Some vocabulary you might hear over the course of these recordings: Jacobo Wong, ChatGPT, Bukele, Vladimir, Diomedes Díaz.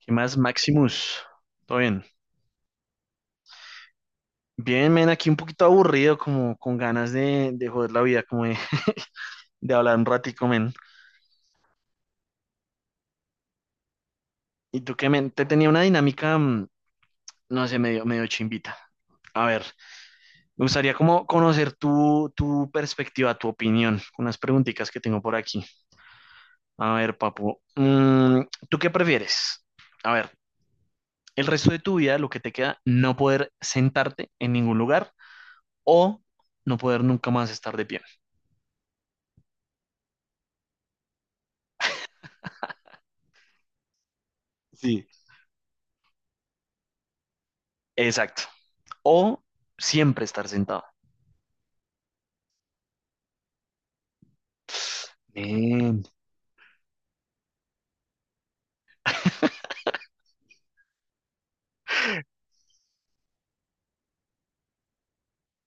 ¿Qué más, Maximus? ¿Todo bien? Bien, men, aquí un poquito aburrido, como con ganas de, joder la vida, como de hablar un ratico, men. ¿Y tú qué, men? Te tenía una dinámica, no sé, medio, medio chimbita. A ver, me gustaría como conocer tu perspectiva, tu opinión, con unas preguntitas que tengo por aquí. A ver, papu, ¿tú qué prefieres? A ver, el resto de tu vida, lo que te queda, no poder sentarte en ningún lugar o no poder nunca más estar de pie. Sí. Exacto. O siempre estar sentado. Bien.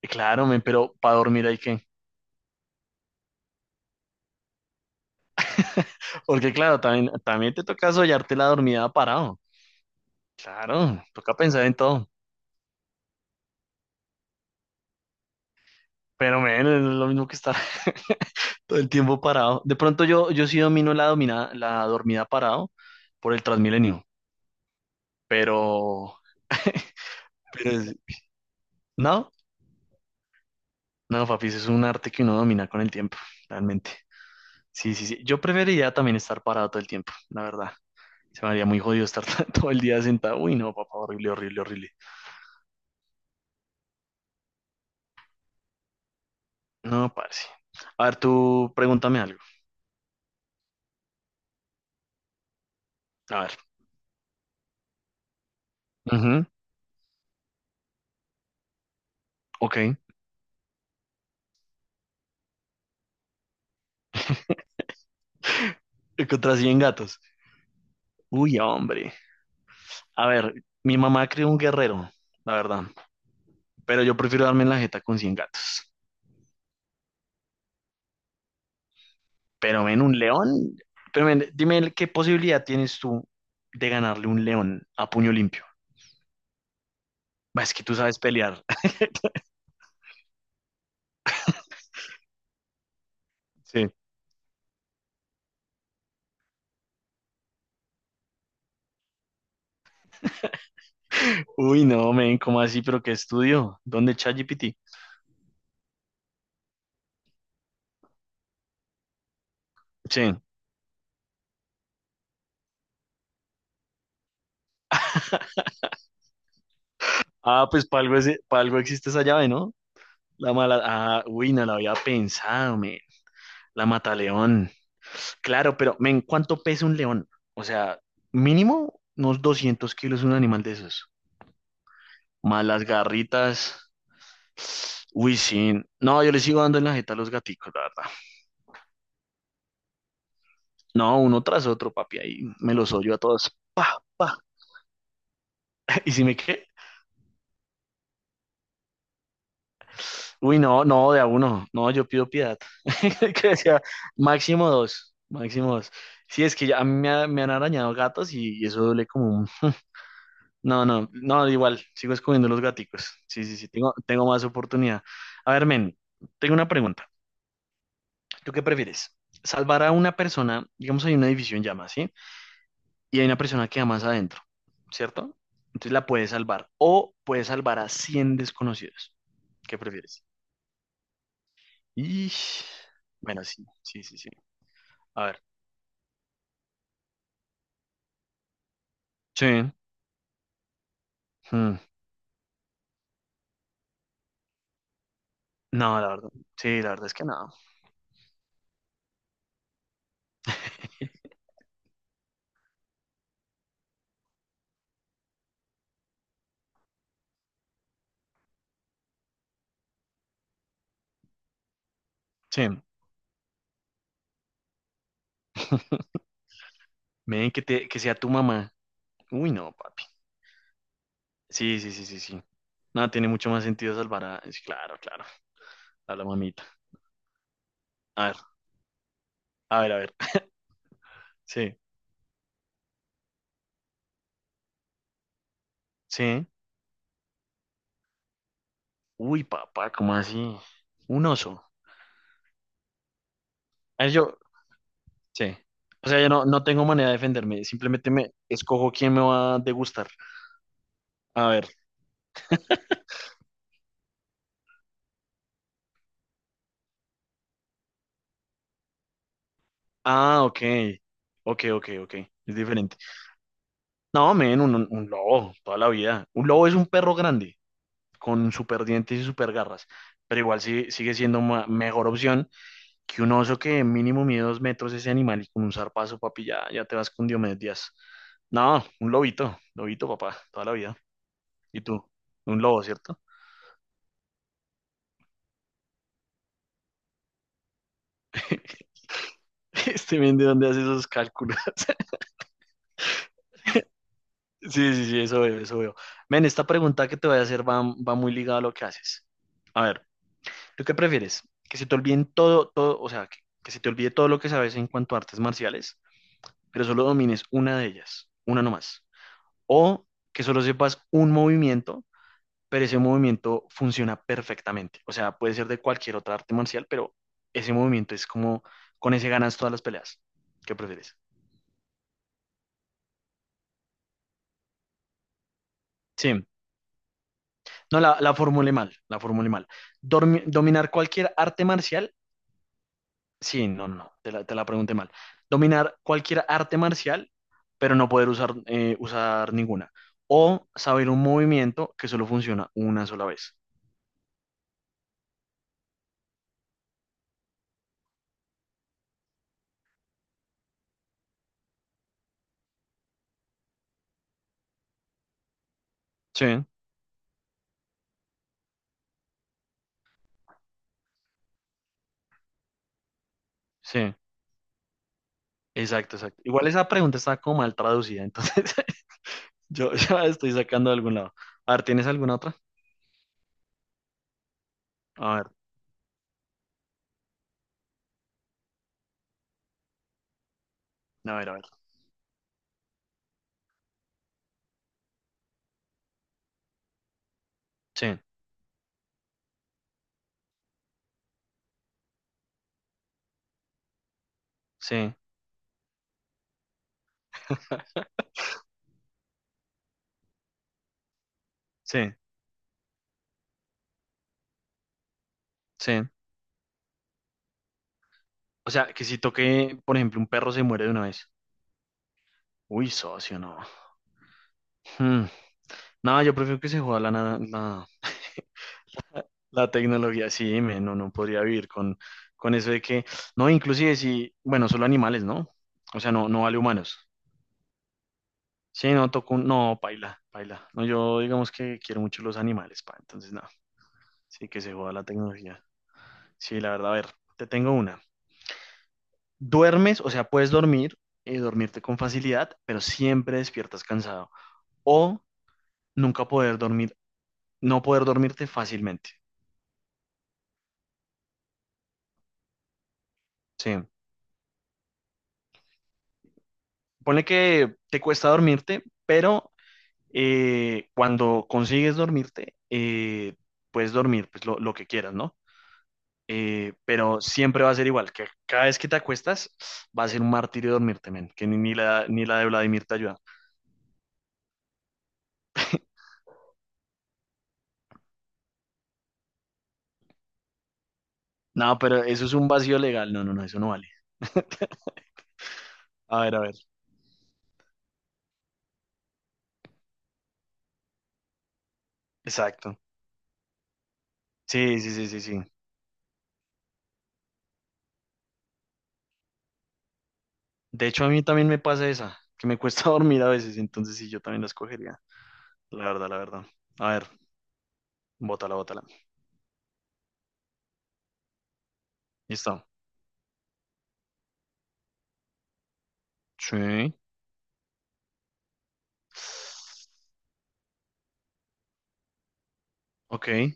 Claro, men, pero para dormir hay que. Porque claro, también te toca soñarte la dormida parado. Claro, toca pensar en todo. Pero men, es lo mismo que estar todo el tiempo parado. De pronto yo sí domino la dormida parado por el Transmilenio. Pero, pero es- no, no, papi, eso es un arte que uno domina con el tiempo, realmente. Sí, sí, sí. Yo preferiría también estar parado todo el tiempo, la verdad. Se me haría muy jodido estar todo el día sentado. Uy, no, papá, horrible, horrible, horrible. No, parce. A ver, tú pregúntame algo. A ver. Ujú. Ok. Contra 100 gatos. Uy, hombre. A ver, mi mamá crió un guerrero, la verdad. Pero yo prefiero darme en la jeta con 100 gatos. Pero ven, un león. Pero ven, qué posibilidad tienes tú de ganarle un león a puño limpio. Bah, es que tú sabes pelear. Sí. Uy, no, men, ¿cómo así? ¿Pero qué estudio? ¿Dónde ChatGPT? Sí. Ah, pues para algo, pa' algo existe esa llave, ¿no? La mala. Ah, uy, no la había pensado, men. La mataleón. Claro, pero, men, ¿cuánto pesa un león? O sea, mínimo unos 200 kilos un animal de esos. Más las garritas. Uy, sí. No, yo les sigo dando en la jeta a los gaticos, la verdad. No, uno tras otro, papi. Ahí me los yo a todos. Pa, pa. ¿Y si me qué? Uy, no, no, de a uno. No, yo pido piedad. Que decía, máximo dos, máximo dos. Sí, es que ya a mí me han arañado gatos y eso duele como un... No, no, no, igual, sigo escogiendo los gaticos. Sí, sí, sí, tengo, tengo más oportunidad. A ver, men, tengo una pregunta. ¿Tú qué prefieres? Salvar a una persona, digamos, hay un edificio en llamas, ¿sí? Y hay una persona que más adentro, ¿cierto? Entonces la puedes salvar. O puedes salvar a 100 desconocidos. ¿Qué prefieres? Y... Bueno, sí, sí, sí, sí. A ver. Sí. mm, No, la verdad. Sí, la verdad es que no. Sí. Men, que sea tu mamá. Uy, no, papi. Sí, sí, sí, sí, sí. No, tiene mucho más sentido salvar a... sí. Claro, claro. A la mamita. A ver, a ver, a ver. Sí, sí. Uy, papá, ¿cómo así? Un oso. A ver, yo, sí. O sea, yo no tengo manera de defenderme. Simplemente me escojo quién me va a degustar. A ver. Ah, ok. Ok, ok, ok. Es diferente. No, men, un lobo, toda la vida. Un lobo es un perro grande, con super dientes y super garras, pero igual sigue siendo mejor opción que un oso que mínimo mide 2 metros ese animal y con un zarpazo, papi, ya, ya te vas con Diomedes Díaz. No, un lobito, lobito, papá, toda la vida. ¿Y tú? Un lobo, ¿cierto? Este men, ¿de dónde hace esos cálculos? Sí, sí, sí, eso veo, eso veo. Men, esta pregunta que te voy a hacer va muy ligada a lo que haces. A ver, ¿tú qué prefieres? Que se te olviden todo, todo, o sea, que se te olvide todo lo que sabes en cuanto a artes marciales, pero solo domines una de ellas, una nomás. O que solo sepas un movimiento, pero ese movimiento funciona perfectamente. O sea, puede ser de cualquier otra arte marcial, pero ese movimiento es como, con ese ganas todas las peleas. ¿Qué prefieres? Sí, no, la formulé mal, la formulé mal. Dominar cualquier arte marcial. Sí, no, no, no, te la pregunté mal. Dominar cualquier arte marcial, pero no poder usar ninguna. O saber un movimiento que solo funciona una sola vez. Sí, sí, exacto, exacto. Igual esa pregunta está como mal traducida, entonces yo ya la estoy sacando de algún lado. A ver, ¿tienes alguna otra? A ver, a ver, a ver. Sí, sí, sí, sí. O sea, que si toque, por ejemplo, un perro se muere de una vez. Uy, socio, no. Hmm. No, yo prefiero que se juegue la tecnología, sí, me, no, no podría vivir con eso de que, no, inclusive si, bueno, solo animales, ¿no? O sea, no, no vale humanos. Sí, no, toco, no, paila, paila. No, yo digamos que quiero mucho los animales, pa, entonces no, sí que se juega la tecnología. Sí, la verdad, a ver, te tengo una. Duermes, o sea, puedes dormir y dormirte con facilidad, pero siempre despiertas cansado. O nunca poder dormir, no poder dormirte fácilmente. Sí. Pone que te cuesta dormirte, pero cuando consigues dormirte, puedes dormir pues, lo que quieras, ¿no? Pero siempre va a ser igual, que cada vez que te acuestas va a ser un martirio dormirte, men, que ni la de Vladimir te ayuda. No, pero eso es un vacío legal. No, no, no, eso no vale. A ver, a ver. Exacto. Sí, sí, sí, sí, sí. De hecho, a mí también me pasa esa, que me cuesta dormir a veces, entonces sí, yo también la escogería. La verdad, la verdad. A ver, bótala, bótala. Listo. Sí. Ok.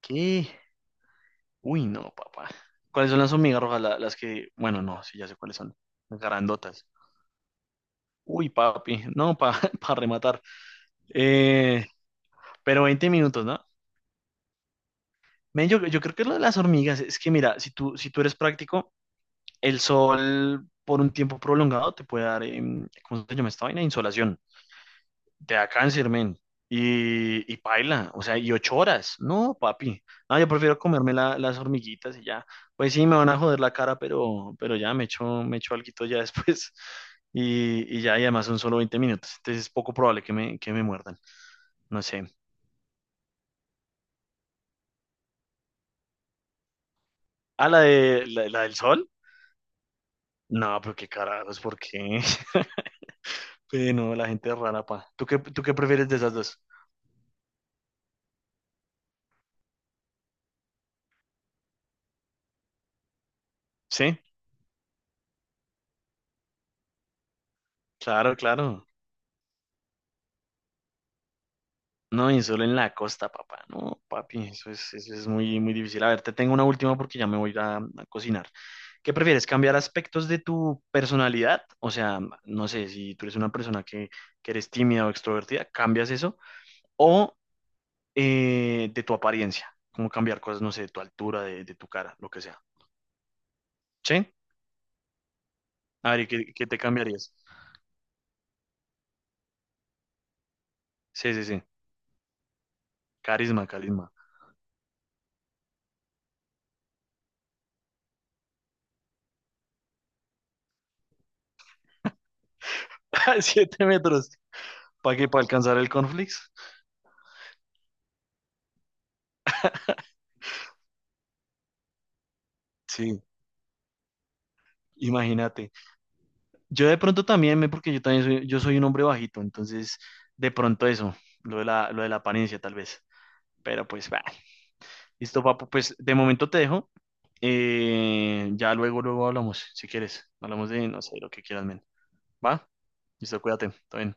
¿Qué? Uy, no, papá. ¿Cuáles son las hormigas rojas? Las que. Bueno, no, sí, ya sé cuáles son. Las Grandotas. Uy, papi. No, para pa rematar. Eh, pero 20 minutos, ¿no? Men, yo creo que lo de las hormigas es que, mira, si tú eres práctico, el sol por un tiempo prolongado te puede dar. ¿Cómo se llama esta vaina? Insolación. Te da cáncer, men. Y paila, o sea, y 8 horas. No, papi. No, yo prefiero comerme las hormiguitas y ya. Pues sí, me van a joder la cara, pero ya me echo alguito ya después. Y ya, y además son solo 20 minutos. Entonces es poco probable que me muerdan. No sé. ¿Ah, la de la del sol? No, pero qué carajos, ¿por qué? Pero no, la gente es rara, pa. ¿Tú qué prefieres de esas dos? Sí, claro, claro. No, y solo en la costa, papá. No, papi, eso es muy, muy difícil. A ver, te tengo una última porque ya me voy a ir a cocinar. ¿Qué prefieres? ¿Cambiar aspectos de tu personalidad? O sea, no sé, si tú eres una persona que eres tímida o extrovertida, cambias eso. O de tu apariencia, como cambiar cosas, no sé, de tu altura, de tu cara, lo que sea. ¿Sí? A ver, ¿y qué te cambiarías? Sí, sí, sí. Carisma, carisma. 7 metros. ¿Para qué? ¿Para alcanzar el conflicto? Sí, imagínate. Yo de pronto también porque yo también soy, yo soy un hombre bajito, entonces de pronto eso, lo de la apariencia tal vez. Pero pues, va. Listo, papu, pues de momento te dejo. Ya luego hablamos, si quieres. Hablamos de, no sé, lo que quieras, men. ¿Va? Listo, cuídate. Todo bien.